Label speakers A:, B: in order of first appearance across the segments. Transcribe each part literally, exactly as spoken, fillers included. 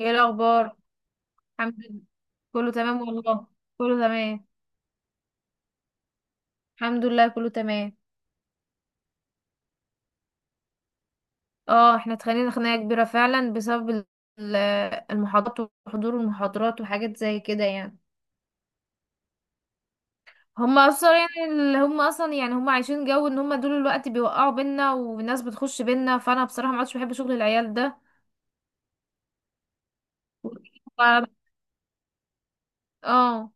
A: ايه الاخبار؟ الحمد لله، كله تمام والله، كله تمام. الحمد لله، كله تمام. اه احنا اتخانقنا خناقه كبيره فعلا بسبب ال- ال- المحاضرات وحضور المحاضرات وحاجات زي كده يعني. هما اصلا يعني اللي هما اصلا يعني هما عايشين جو ان هما دول الوقت بيوقعوا بينا والناس بتخش بينا، فانا بصراحه ما عادش بحب شغل العيال ده. ف- اه،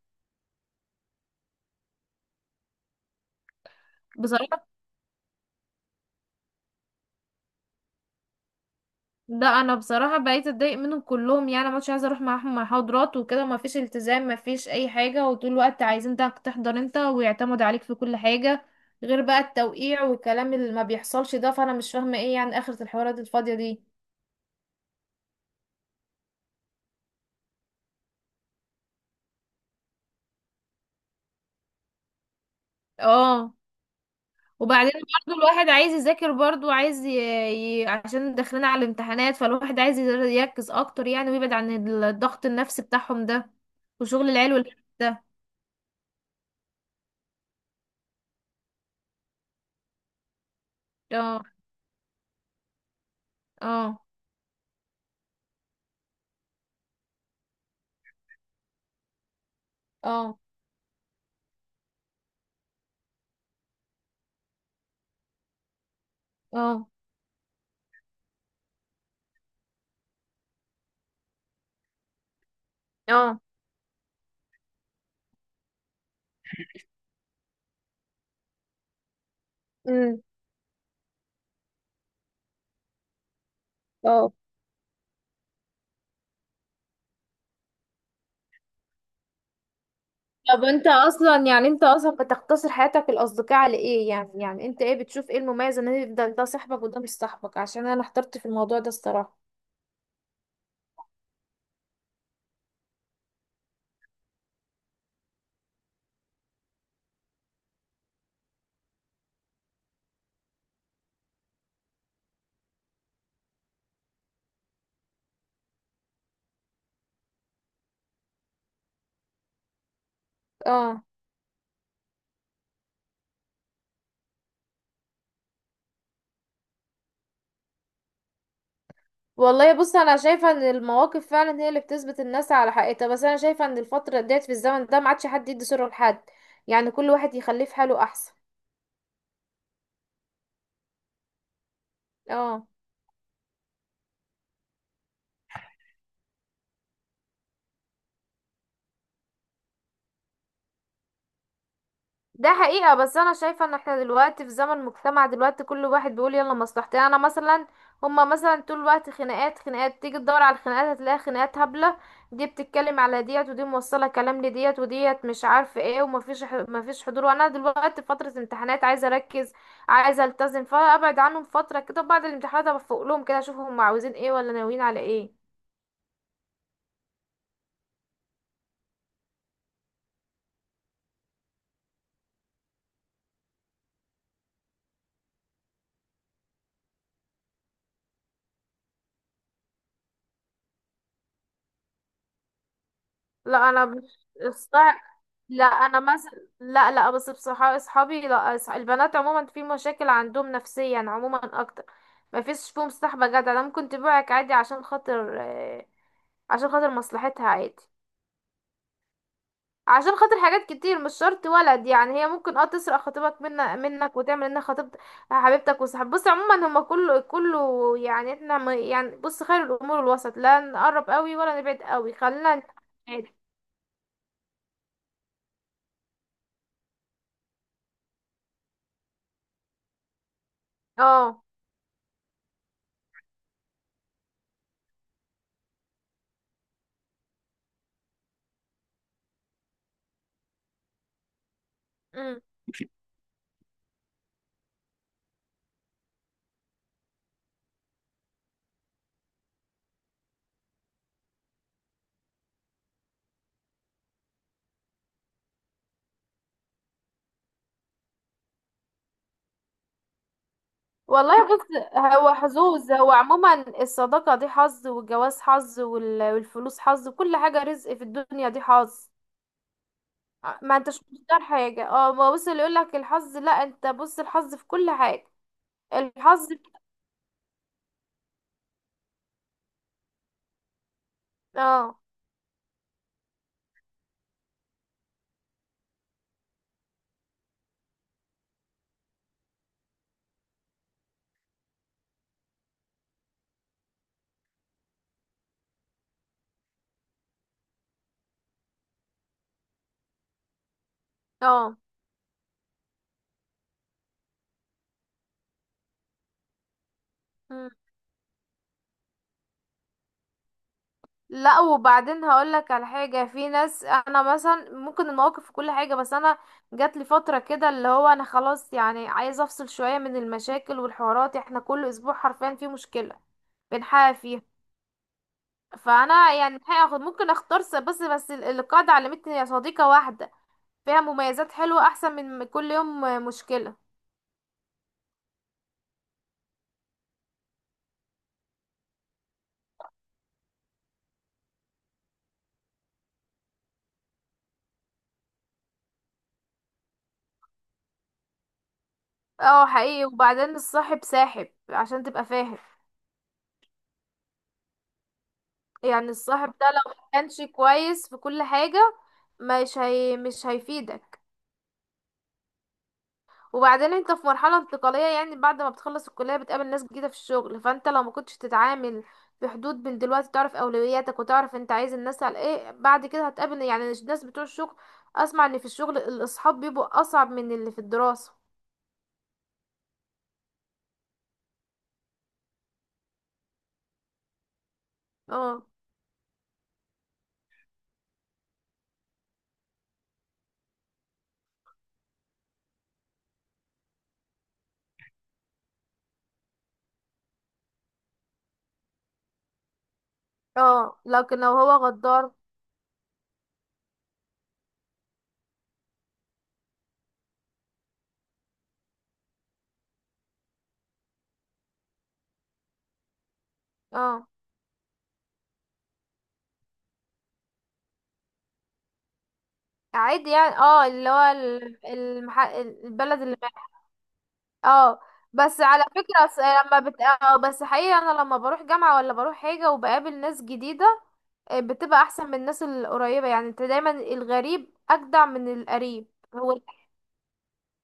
A: بصراحه، لا انا بصراحه بقيت اتضايق منهم كلهم، يعني ما كنتش عايزه اروح معاهم محاضرات وكده، ما فيش التزام، ما فيش اي حاجه، وطول الوقت عايزين ده تحضر انت ويعتمد عليك في كل حاجه، غير بقى التوقيع والكلام اللي ما بيحصلش ده. فانا مش فاهمه ايه يعني اخره الحوارات الفاضيه دي. اه، وبعدين برضو الواحد عايز يذاكر، برضو عايز ي... ي... عشان داخلين على الامتحانات، فالواحد عايز يركز اكتر يعني، ويبعد عن الضغط النفسي بتاعهم ده، وشغل العيال والحاجات ده. اه، اه، اه، اه، اه. مم. اه. طب انت اصلا يعني انت اصلا بتقتصر حياتك الاصدقاء على ايه؟ يعني يعني انت ايه، بتشوف ايه المميز ان يفضل ده صاحبك وده مش صاحبك؟ عشان انا احترت في الموضوع ده الصراحة. اه. والله بص، انا شايفة ان المواقف فعلا هي اللي بتثبت الناس على حقيقتها، بس انا شايفة ان الفترة ديت في الزمن ده ما عادش حد يدي سره لحد، يعني كل واحد يخليه في حاله احسن. اه. ده حقيقة، بس انا شايفة ان احنا دلوقتي في زمن، مجتمع دلوقتي كل واحد بيقول يلا مصلحتي، يعني انا مثلا، هما مثلا طول الوقت خناقات خناقات، تيجي تدور على الخناقات هتلاقي خناقات هبلة. دي بتتكلم على ديت، ودي موصلة كلام لديت وديت مش عارفة ايه، ومفيش ح- مفيش حضور، وانا دلوقتي في فترة امتحانات عايزة اركز، عايزة التزم، فابعد عنهم فترة كده. بعد الامتحانات ابقى فوق لهم كده، اشوف هما عاوزين ايه ولا ناويين على ايه. لا انا مش لا انا مثلا لا، لا، بس بصراحه اصحابي، لا أص- البنات عموما في مشاكل عندهم نفسيا عموما اكتر. ما فيش فيهم صاحبه جدع. انا ممكن تبيعك عادي، عشان خاطر آه، عشان خاطر مصلحتها عادي. عشان خاطر حاجات كتير، مش شرط ولد. يعني هي ممكن اه تسرق خطيبك من منك وتعمل انها خطيبت حبيبتك وصاحب. بص، عموما هما كله كله، يعني احنا ما- يعني بص، خير الامور الوسط، لا نقرب قوي ولا نبعد قوي، خلينا نتعامل عادي. اه. امم. والله بص، هو حظوظ. هو عموما الصداقة دي حظ، والجواز حظ، وال- والفلوس حظ، كل حاجة رزق في الدنيا دي حظ. آه، ما انتش مختار حاجة. اه، ما بص اللي يقولك الحظ، لا، انت بص الحظ في كل حاجة. الحظ. اه. اه. مم. لا، وبعدين هقولك على حاجة. في ناس، انا مثلا ممكن المواقف في كل حاجة، بس انا جات لي فترة كده اللي هو انا خلاص، يعني عايزة افصل شوية من المشاكل والحوارات. احنا كل اسبوع حرفيا في مشكلة بنحقق فيها. فانا يعني الحقيقة هاخد، ممكن اختار س- بس بس ال- القاعدة علمتني يا صديقة واحدة فيها مميزات حلوة، احسن من م- كل يوم مشكلة. اه حقيقي. وبعدين الصاحب ساحب عشان تبقى فاهم. يعني الصاحب ده لو مكانش كويس في كل حاجة، مش هي مش هيفيدك. وبعدين انت في مرحلة انتقالية، يعني بعد ما بتخلص الكلية بتقابل ناس جديدة في الشغل، فانت لو ما كنتش تتعامل في حدود من دلوقتي، تعرف اولوياتك وتعرف انت عايز الناس على ايه. بعد كده هتقابل يعني الناس بتوع الشغل، اسمع ان في الشغل الاصحاب بيبقوا اصعب من اللي في الدراسة. اه. اه. لكن لو هو غدار. اه. عادي يعني. اه، اللي هو ال- المح... البلد اللي، اه. بس على فكرة س- لما بت... اه بس حقيقة انا لما بروح جامعة ولا بروح حاجة وبقابل ناس جديدة، بتبقى احسن من الناس القريبة. يعني انت دايما الغريب اجدع من القريب. هو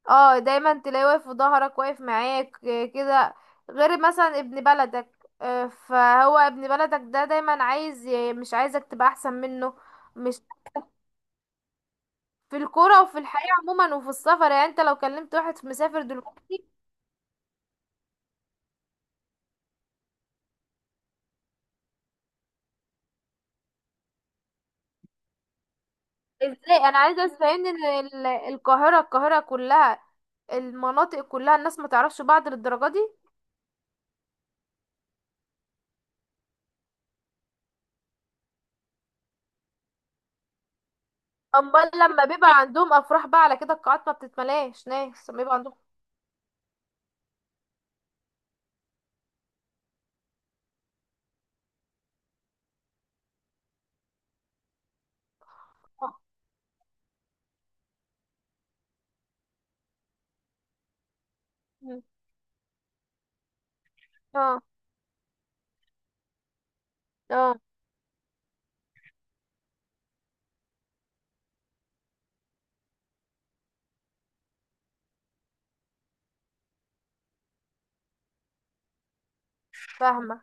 A: اه دايما تلاقيه واقف في ظهرك، واقف معاك آه، كده، غير مثلا ابن بلدك. آه، فهو ابن بلدك ده دايما عايز ي- مش عايزك تبقى احسن منه. مش، في الكورة وفي الحياة عموما وفي السفر. يعني انت لو كلمت واحد مسافر دلوقتي، ازاي انا عايزة تفهمني ان ال- القاهرة القاهرة كلها، المناطق كلها، الناس ما تعرفش بعض للدرجة دي؟ امال لما بيبقى عندهم افراح بقى على كده القاعات ما بتتملاش ناس لما بيبقى عندهم. اه. اه. آه، فاهمه.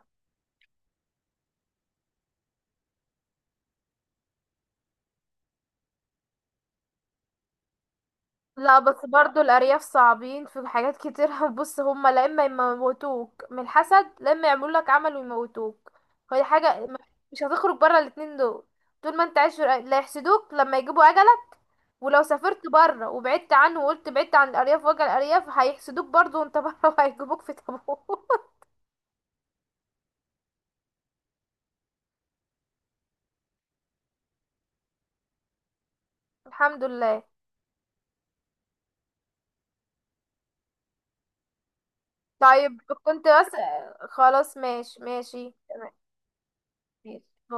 A: لا، بس برضو الارياف صعبين في حاجات كتير بص هما، لا اما يموتوك من الحسد، لا اما يعملوا لك عمل ويموتوك. فدي حاجه م- مش هتخرج بره الاتنين دول. طول ما انت عايش في الأ- لا، يحسدوك لما يجيبوا اجلك. ولو سافرت بره وبعدت عنه وقلت بعدت عن الارياف، واجل الارياف هيحسدوك برضو وانت بره وهيجيبوك في تابوت. الحمد لله. طيب، كنت بس، خلاص. ماشي، ماشي تمام. ماشي.